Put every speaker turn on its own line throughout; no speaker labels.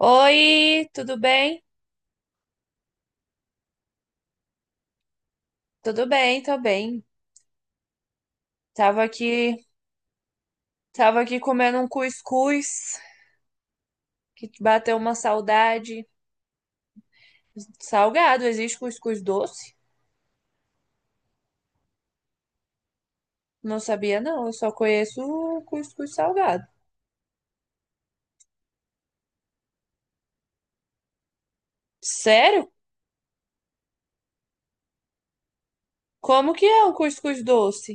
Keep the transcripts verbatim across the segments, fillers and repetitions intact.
Oi, tudo bem? Tudo bem, tô bem. Tava aqui, tava aqui comendo um cuscuz que bateu uma saudade. Salgado, existe cuscuz doce? Não sabia não, eu só conheço o cuscuz salgado. Sério? Como que é o cuscuz doce?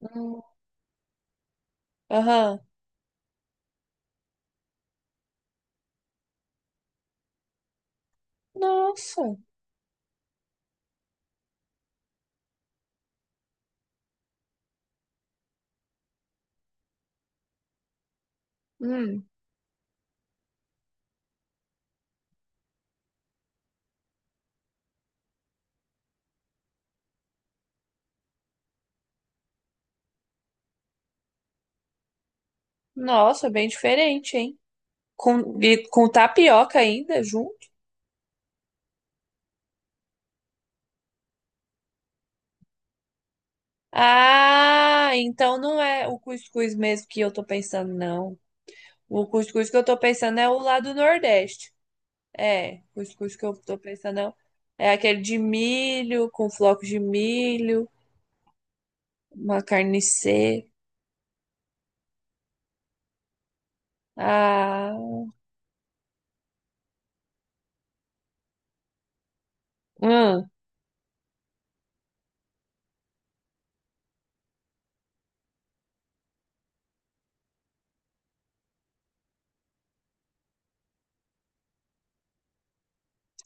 Hum. Aham. Nossa. Hum. Nossa, bem diferente, hein? Com, e com tapioca ainda junto? Ah, então não é o cuscuz mesmo que eu tô pensando, não. O cuscuz que eu tô pensando é o lá do Nordeste. É, cuscuz que eu tô pensando é, o- é aquele de milho, com flocos de milho, uma carne seca. Ah, hum,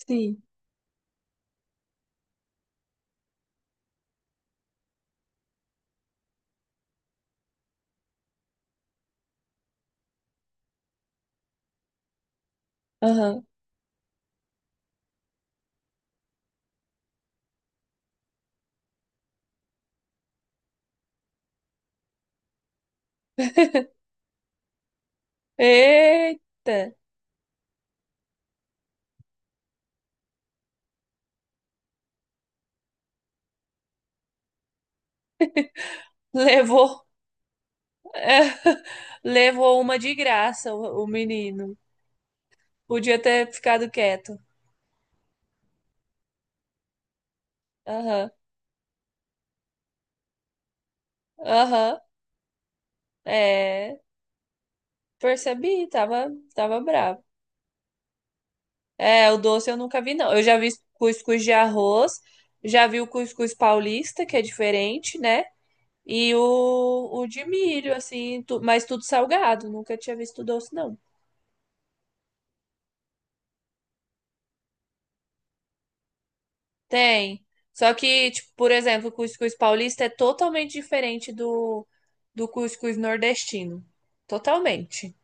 sim. Aham. Eita, levou, levou uma de graça o, o menino. Podia ter ficado quieto. Aham, aham, é, percebi, tava, tava bravo. É, o doce eu nunca vi, não. Eu já vi cuscuz de arroz, já vi o cuscuz paulista, que é diferente, né? E o, o de milho, assim, tu- mas tudo salgado. Nunca tinha visto doce, não. Tem. Só que, tipo, por exemplo, o cuscuz paulista é totalmente diferente do, do cuscuz nordestino. Totalmente.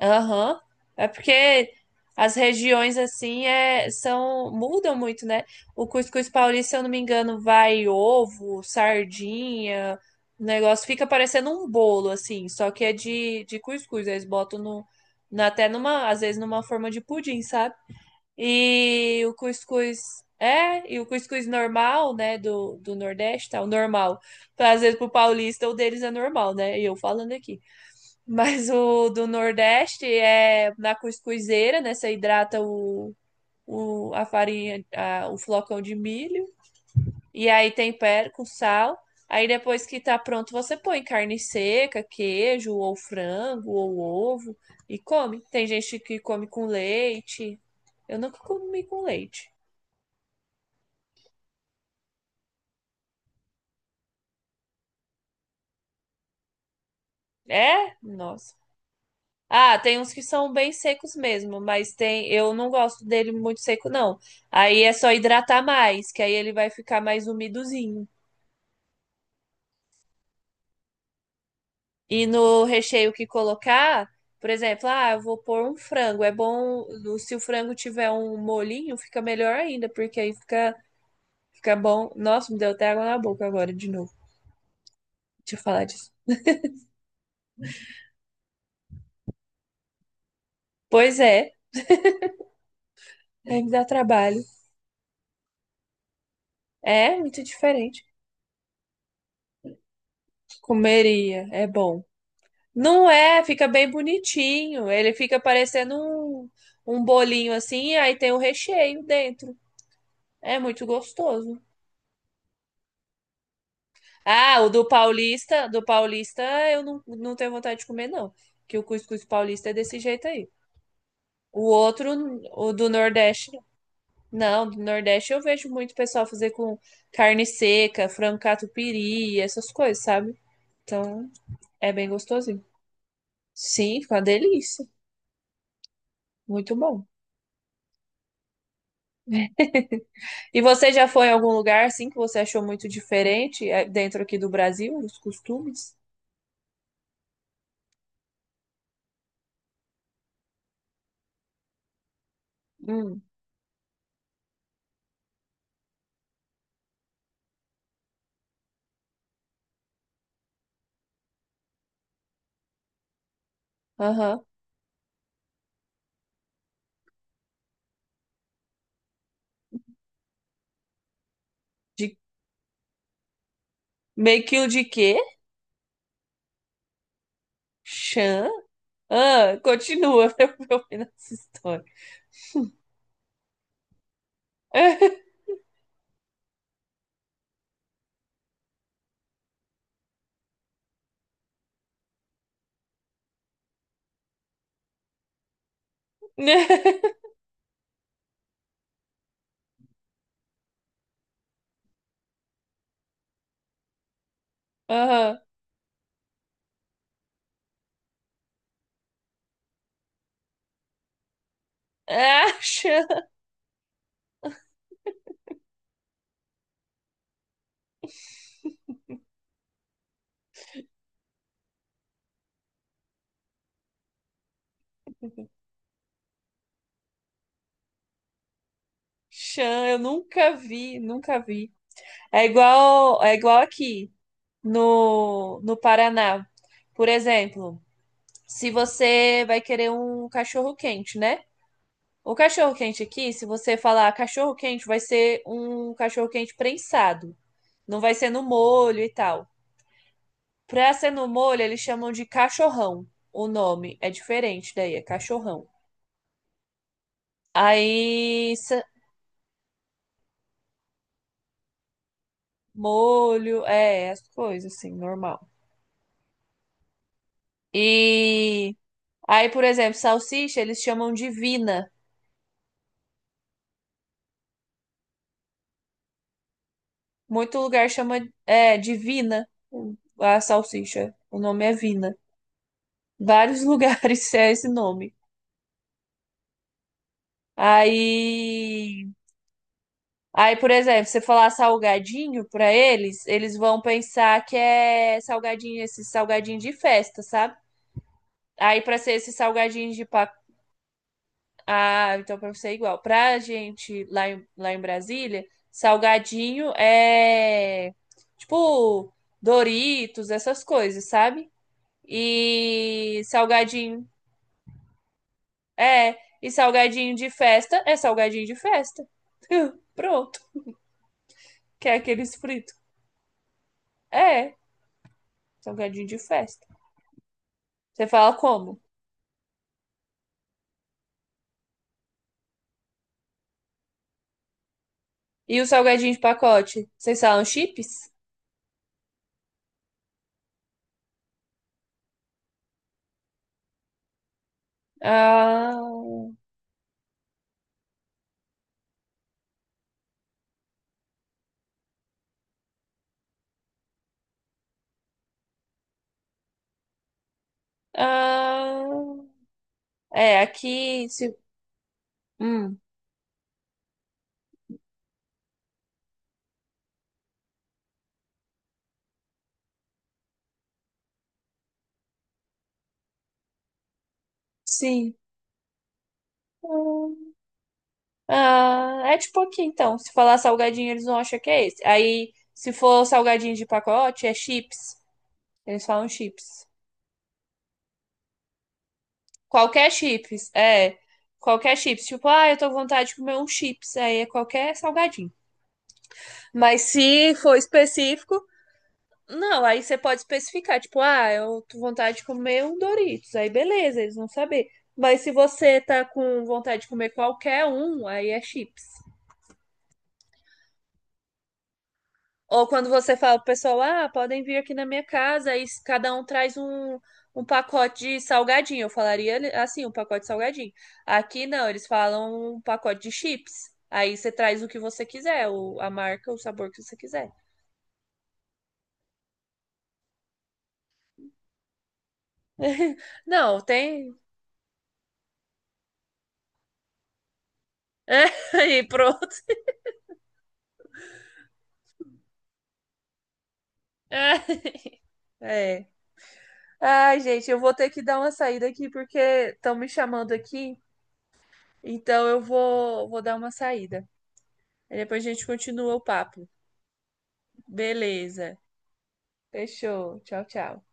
Aham. É porque as regiões assim é, são mudam muito, né? O cuscuz paulista, se eu não me engano, vai ovo, sardinha, o negócio fica parecendo um bolo assim, só que é de, de cuscuz, eles botam no, na- até numa, às vezes numa forma de pudim, sabe? E o cuscuz é, e o cuscuz normal, né, do, do Nordeste, tá? O normal. Às vezes pro paulista o deles é normal, né? E eu falando aqui. Mas o do Nordeste é na cuscuzeira, né? Você hidrata o, o, a farinha, a- o flocão de milho. E aí tempera com sal. Aí depois que tá pronto, você põe carne seca, queijo, ou frango, ou ovo. E come. Tem gente que come com leite. Eu nunca comi com leite. É? Nossa. Ah, tem uns que são bem secos mesmo, mas tem, eu não gosto dele muito seco, não. Aí é só hidratar mais, que aí ele vai ficar mais umidozinho. E no recheio que colocar, por exemplo, ah, eu vou pôr um frango. É bom, se o frango tiver um molinho, fica melhor ainda, porque aí fica, fica bom. Nossa, me deu até água na boca agora de novo. Deixa eu falar disso. Pois é, aí me dá trabalho. É muito diferente. Comeria, é bom. Não é, fica bem bonitinho. Ele fica parecendo um, um bolinho assim, e aí tem o recheio dentro. É muito gostoso. Ah, o do paulista, do paulista eu não, não tenho vontade de comer, não. Que o cuscuz paulista é desse jeito aí. O outro, o do Nordeste, não, do Nordeste eu vejo muito pessoal fazer com carne seca, frango catupiry, essas coisas, sabe? Então, é bem gostosinho. Sim, fica uma delícia. Muito bom. E você já foi em algum lugar assim que você achou muito diferente eh, dentro aqui do Brasil, os costumes? Hum, aham. De meio quilo de quê? Chã? Ah, continua pra eu pra eu ouvir essa história. Aham. Ah, chã. Chã, eu nunca vi, nunca vi. É igual, é igual aqui no, no Paraná. Por exemplo, se você vai querer um cachorro quente, né? O cachorro quente aqui, se você falar cachorro quente, vai ser um cachorro quente prensado. Não vai ser no molho e tal. Pra ser no molho, eles chamam de cachorrão. O nome é diferente daí, é cachorrão. Aí, sa- molho, é, as coisas assim, normal. E aí, por exemplo, salsicha, eles chamam de vina. Muito lugar chama, é, de vina a salsicha. O nome é vina. Vários lugares é esse nome. Aí, aí, por exemplo, você falar salgadinho pra eles, eles vão pensar que é salgadinho, esse salgadinho de festa, sabe? Aí pra ser esse salgadinho de pa... Ah, então pra você é igual. Pra gente lá em, lá em Brasília, salgadinho é tipo Doritos, essas coisas, sabe? E salgadinho é, e salgadinho de festa é salgadinho de festa. Pronto, que é aqueles fritos. É. Salgadinho de festa. Você fala como? E o salgadinho de pacote? Vocês falam chips? Ah, ah, é, aqui. Se, hum, sim. Ah, ah. É tipo aqui então. Se falar salgadinho, eles vão achar que é esse. Aí, se for salgadinho de pacote, é chips. Eles falam chips. Qualquer chips, é. Qualquer chips. Tipo, ah, eu tô com vontade de comer um chips. Aí é qualquer salgadinho. Mas se for específico, não, aí você pode especificar, tipo, ah, eu tô com vontade de comer um Doritos. Aí beleza, eles vão saber. Mas se você tá com vontade de comer qualquer um, aí é chips. Ou quando você fala pro pessoal, ah, podem vir aqui na minha casa, aí cada um traz um, um pacote de salgadinho. Eu falaria assim, um pacote de salgadinho. Aqui não, eles falam um pacote de chips. Aí você traz o que você quiser, o, a marca, o sabor que você quiser. Não, tem. Aí pronto. É. Ai, gente, eu vou ter que dar uma saída aqui porque estão me chamando aqui. Então eu vou, vou dar uma saída. Aí depois a gente continua o papo. Beleza. Fechou. Tchau, tchau.